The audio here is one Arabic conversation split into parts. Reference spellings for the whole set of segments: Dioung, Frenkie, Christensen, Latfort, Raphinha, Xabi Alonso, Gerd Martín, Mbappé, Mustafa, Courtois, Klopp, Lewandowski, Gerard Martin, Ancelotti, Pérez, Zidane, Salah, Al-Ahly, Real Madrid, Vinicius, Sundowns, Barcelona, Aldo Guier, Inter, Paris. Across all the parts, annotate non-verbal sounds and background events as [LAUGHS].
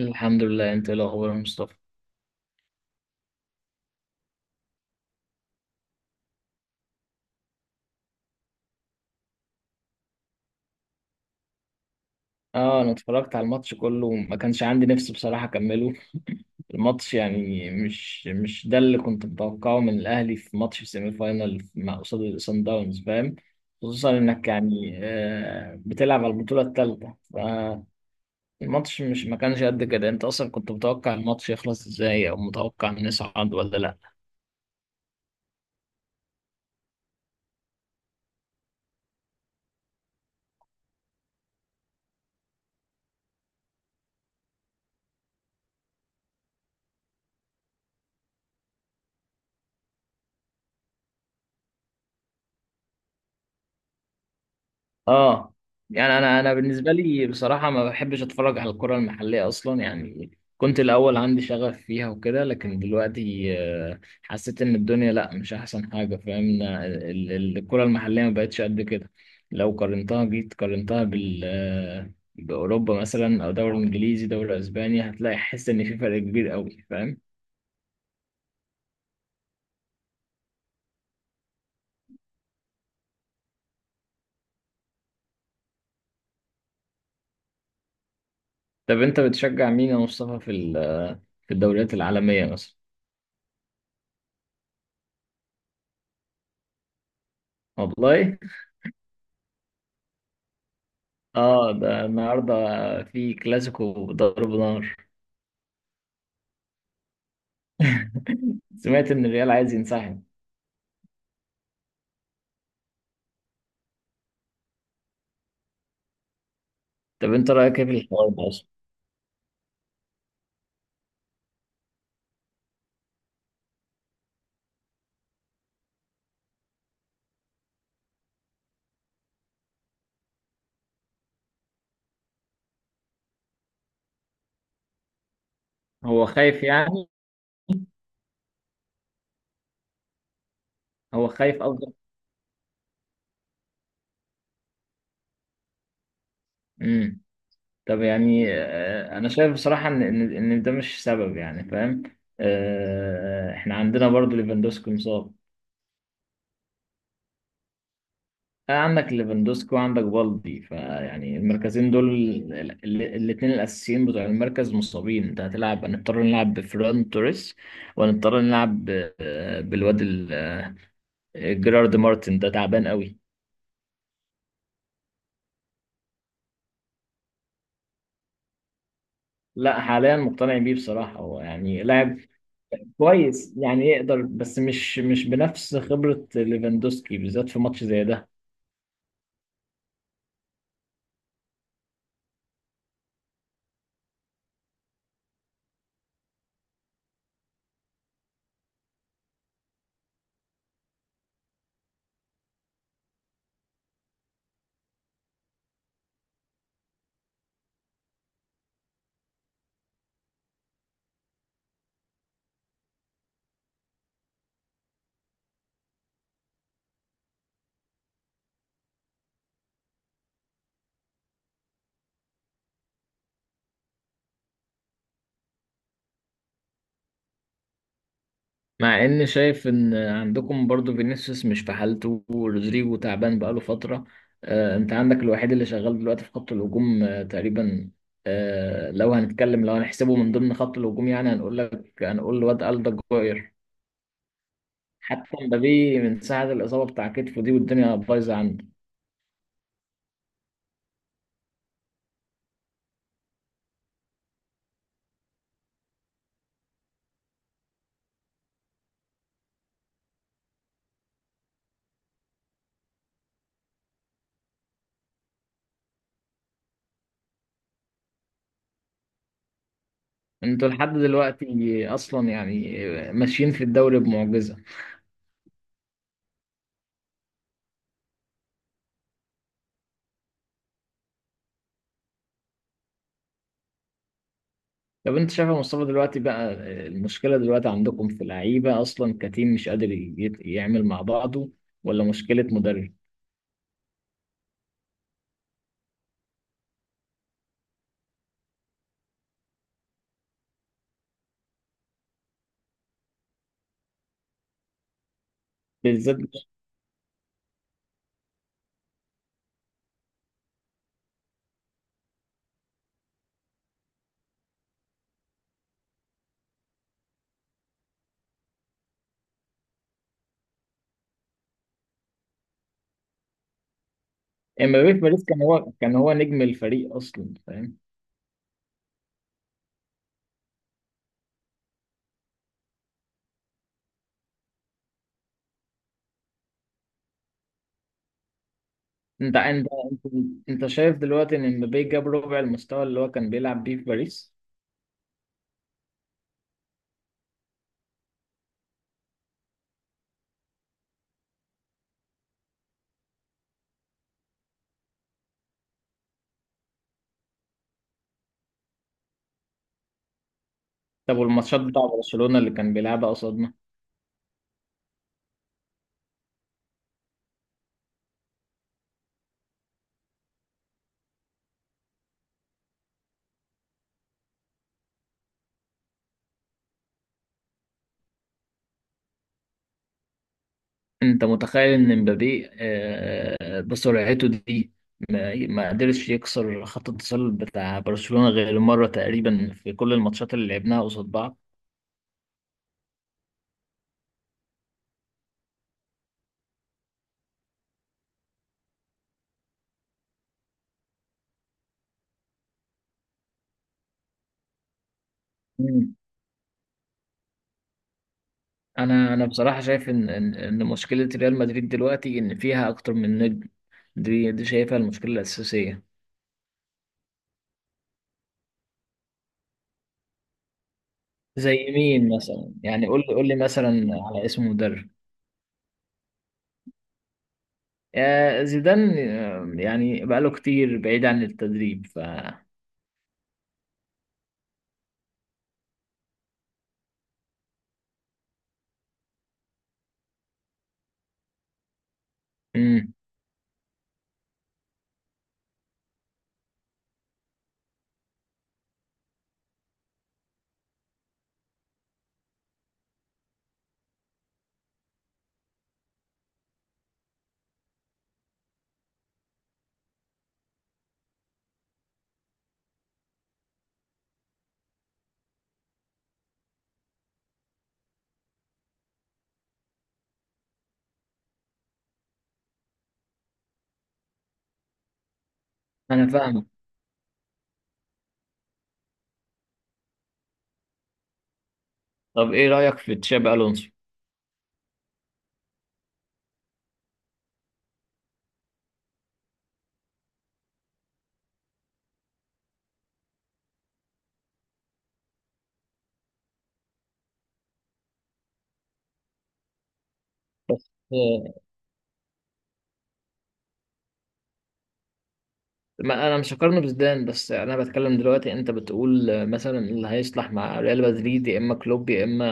الحمد لله، انت ايه الاخبار يا مصطفى؟ اه، انا اتفرجت على الماتش كله، ما كانش عندي نفس بصراحه اكمله. [LAUGHS] الماتش يعني مش ده اللي كنت متوقعه من الاهلي في ماتش سيمي فاينال مع قصاد سان داونز، فاهم. خصوصا انك يعني بتلعب على البطوله الثالثه. فالماتش مش ما كانش قد كده. انت اصلا كنت متوقع الماتش يخلص ازاي، او متوقع نصعد ولا لا؟ اه. يعني انا بالنسبه لي بصراحه ما بحبش اتفرج على الكره المحليه اصلا يعني. كنت الاول عندي شغف فيها وكده، لكن دلوقتي حسيت ان الدنيا لا، مش احسن حاجه، فاهم. الكره المحليه ما بقتش قد كده. لو قارنتها، جيت قارنتها بال باوروبا مثلا، او دوري انجليزي، دوري اسباني، هتلاقي حس ان في فرق كبير قوي، فاهم. طب انت بتشجع مين يا مصطفى في في الدوريات العالميه مثلا؟ والله. اه، ده النهارده في كلاسيكو ضرب نار. سمعت ان الريال عايز ينسحب. طب انت رايك ايه في الحوار ده اصلا؟ هو خايف يعني؟ هو خايف قصدك؟ امم. طب يعني انا شايف بصراحه ان إن ده مش سبب، يعني فاهم. آه، احنا عندنا برضو ليفاندوسكي مصاب. آه، عندك ليفاندوسكي وعندك بالدي، فيعني المركزين دول، الاثنين الاساسيين بتوع المركز مصابين. انت هتلعب، هنضطر نلعب بفران توريس، ونضطر نلعب بالواد جيرارد مارتن، ده تعبان قوي. لا، حاليا مقتنع بيه بصراحة. هو يعني لاعب كويس يعني، يقدر، بس مش بنفس خبرة ليفاندوسكي، بالذات في ماتش زي ده. مع ان شايف ان عندكم برضو فينيسيوس مش في حالته، ورودريجو تعبان بقاله فترة. آه، انت عندك الوحيد اللي شغال دلوقتي في خط الهجوم آه، تقريبا. آه، لو هنتكلم، لو هنحسبه من ضمن خط الهجوم، يعني هنقول لك، هنقول الواد ألدا جوير. حتى مبابي من ساعة الإصابة بتاع كتفه دي، والدنيا بايظة عنده. انتوا لحد دلوقتي اصلا يعني ماشيين في الدوري بمعجزه. طب انت شايف يا مصطفى دلوقتي بقى، المشكله دلوقتي عندكم في اللعيبه اصلا كتيم مش قادر يعمل مع بعضه، ولا مشكله مدرب؟ بالذات امبابي في باريس كان هو نجم الفريق اصلا، فاهم. انت انت شايف دلوقتي ان امبابي جاب ربع المستوى اللي هو كان بيلعب بيه في باريس؟ طب والماتشات بتاع برشلونه اللي كان بيلعبها قصاد؟ انت متخيل ان مبابي بسرعته دي ما قدرش يكسر خط التسلل بتاع برشلونة غير مرة تقريبا في كل الماتشات اللي لعبناها قصاد بعض. مم. انا بصراحة شايف ان إن مشكلة ريال مدريد دلوقتي ان فيها اكتر من نجم. دي شايفها المشكلة الأساسية. زي مين مثلا يعني؟ قول لي مثلا على اسم مدرب. زيدان يعني بقاله كتير بعيد عن التدريب، ف... مم. انا فاهمك. طب ايه رأيك في تشابي الونسو؟ بس ما انا مش هقارنه بزيدان، بس انا بتكلم دلوقتي. انت بتقول مثلا اللي هيصلح مع ريال مدريد يا اما كلوب يا اما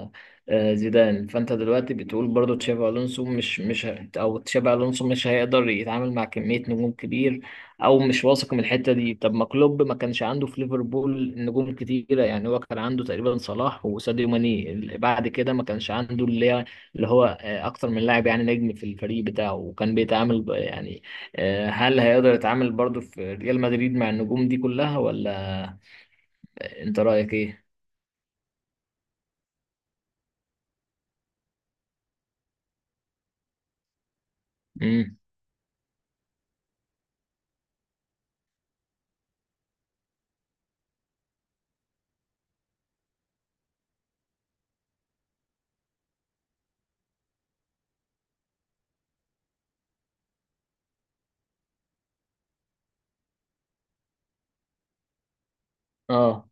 آه، زيدان، فانت دلوقتي بتقول برضو تشافي الونسو مش مش ه- او تشافي الونسو مش هيقدر يتعامل مع كمية نجوم كبير، او مش واثق من الحتة دي. طب ما كلوب ما كانش عنده في ليفربول نجوم كتيرة يعني. هو كان عنده تقريبا صلاح وساديو ماني، اللي بعد كده ما كانش عنده اللي هو اكتر من لاعب يعني نجم في الفريق بتاعه، وكان بيتعامل يعني هل هيقدر يتعامل برضو في ريال مدريد مع النجوم دي كلها، ولا؟ انت رأيك ايه؟ امم. اه،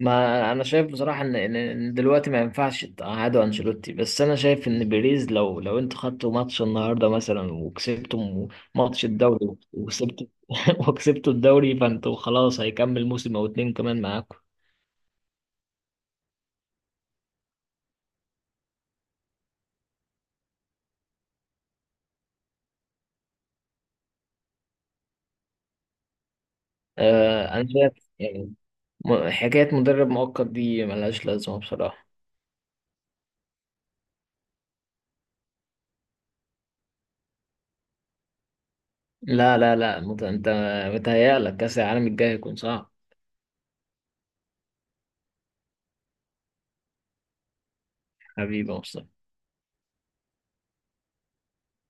ما انا شايف بصراحة ان إن دلوقتي ما ينفعش تقعدوا انشيلوتي، بس انا شايف ان بيريز لو انتوا خدتوا ماتش النهاردة مثلا وكسبتوا ماتش الدوري وكسبتوا [LAUGHS] وكسبتوا الدوري، فانتوا خلاص هيكمل موسم او 2 كمان معاكم. آه انا شايف يعني، حكاية مدرب مؤقت دي ملهاش لازمة بصراحة. لا لا لا، انت متهيألك كأس العالم الجاي هيكون صعب. حبيبي يا مصطفى.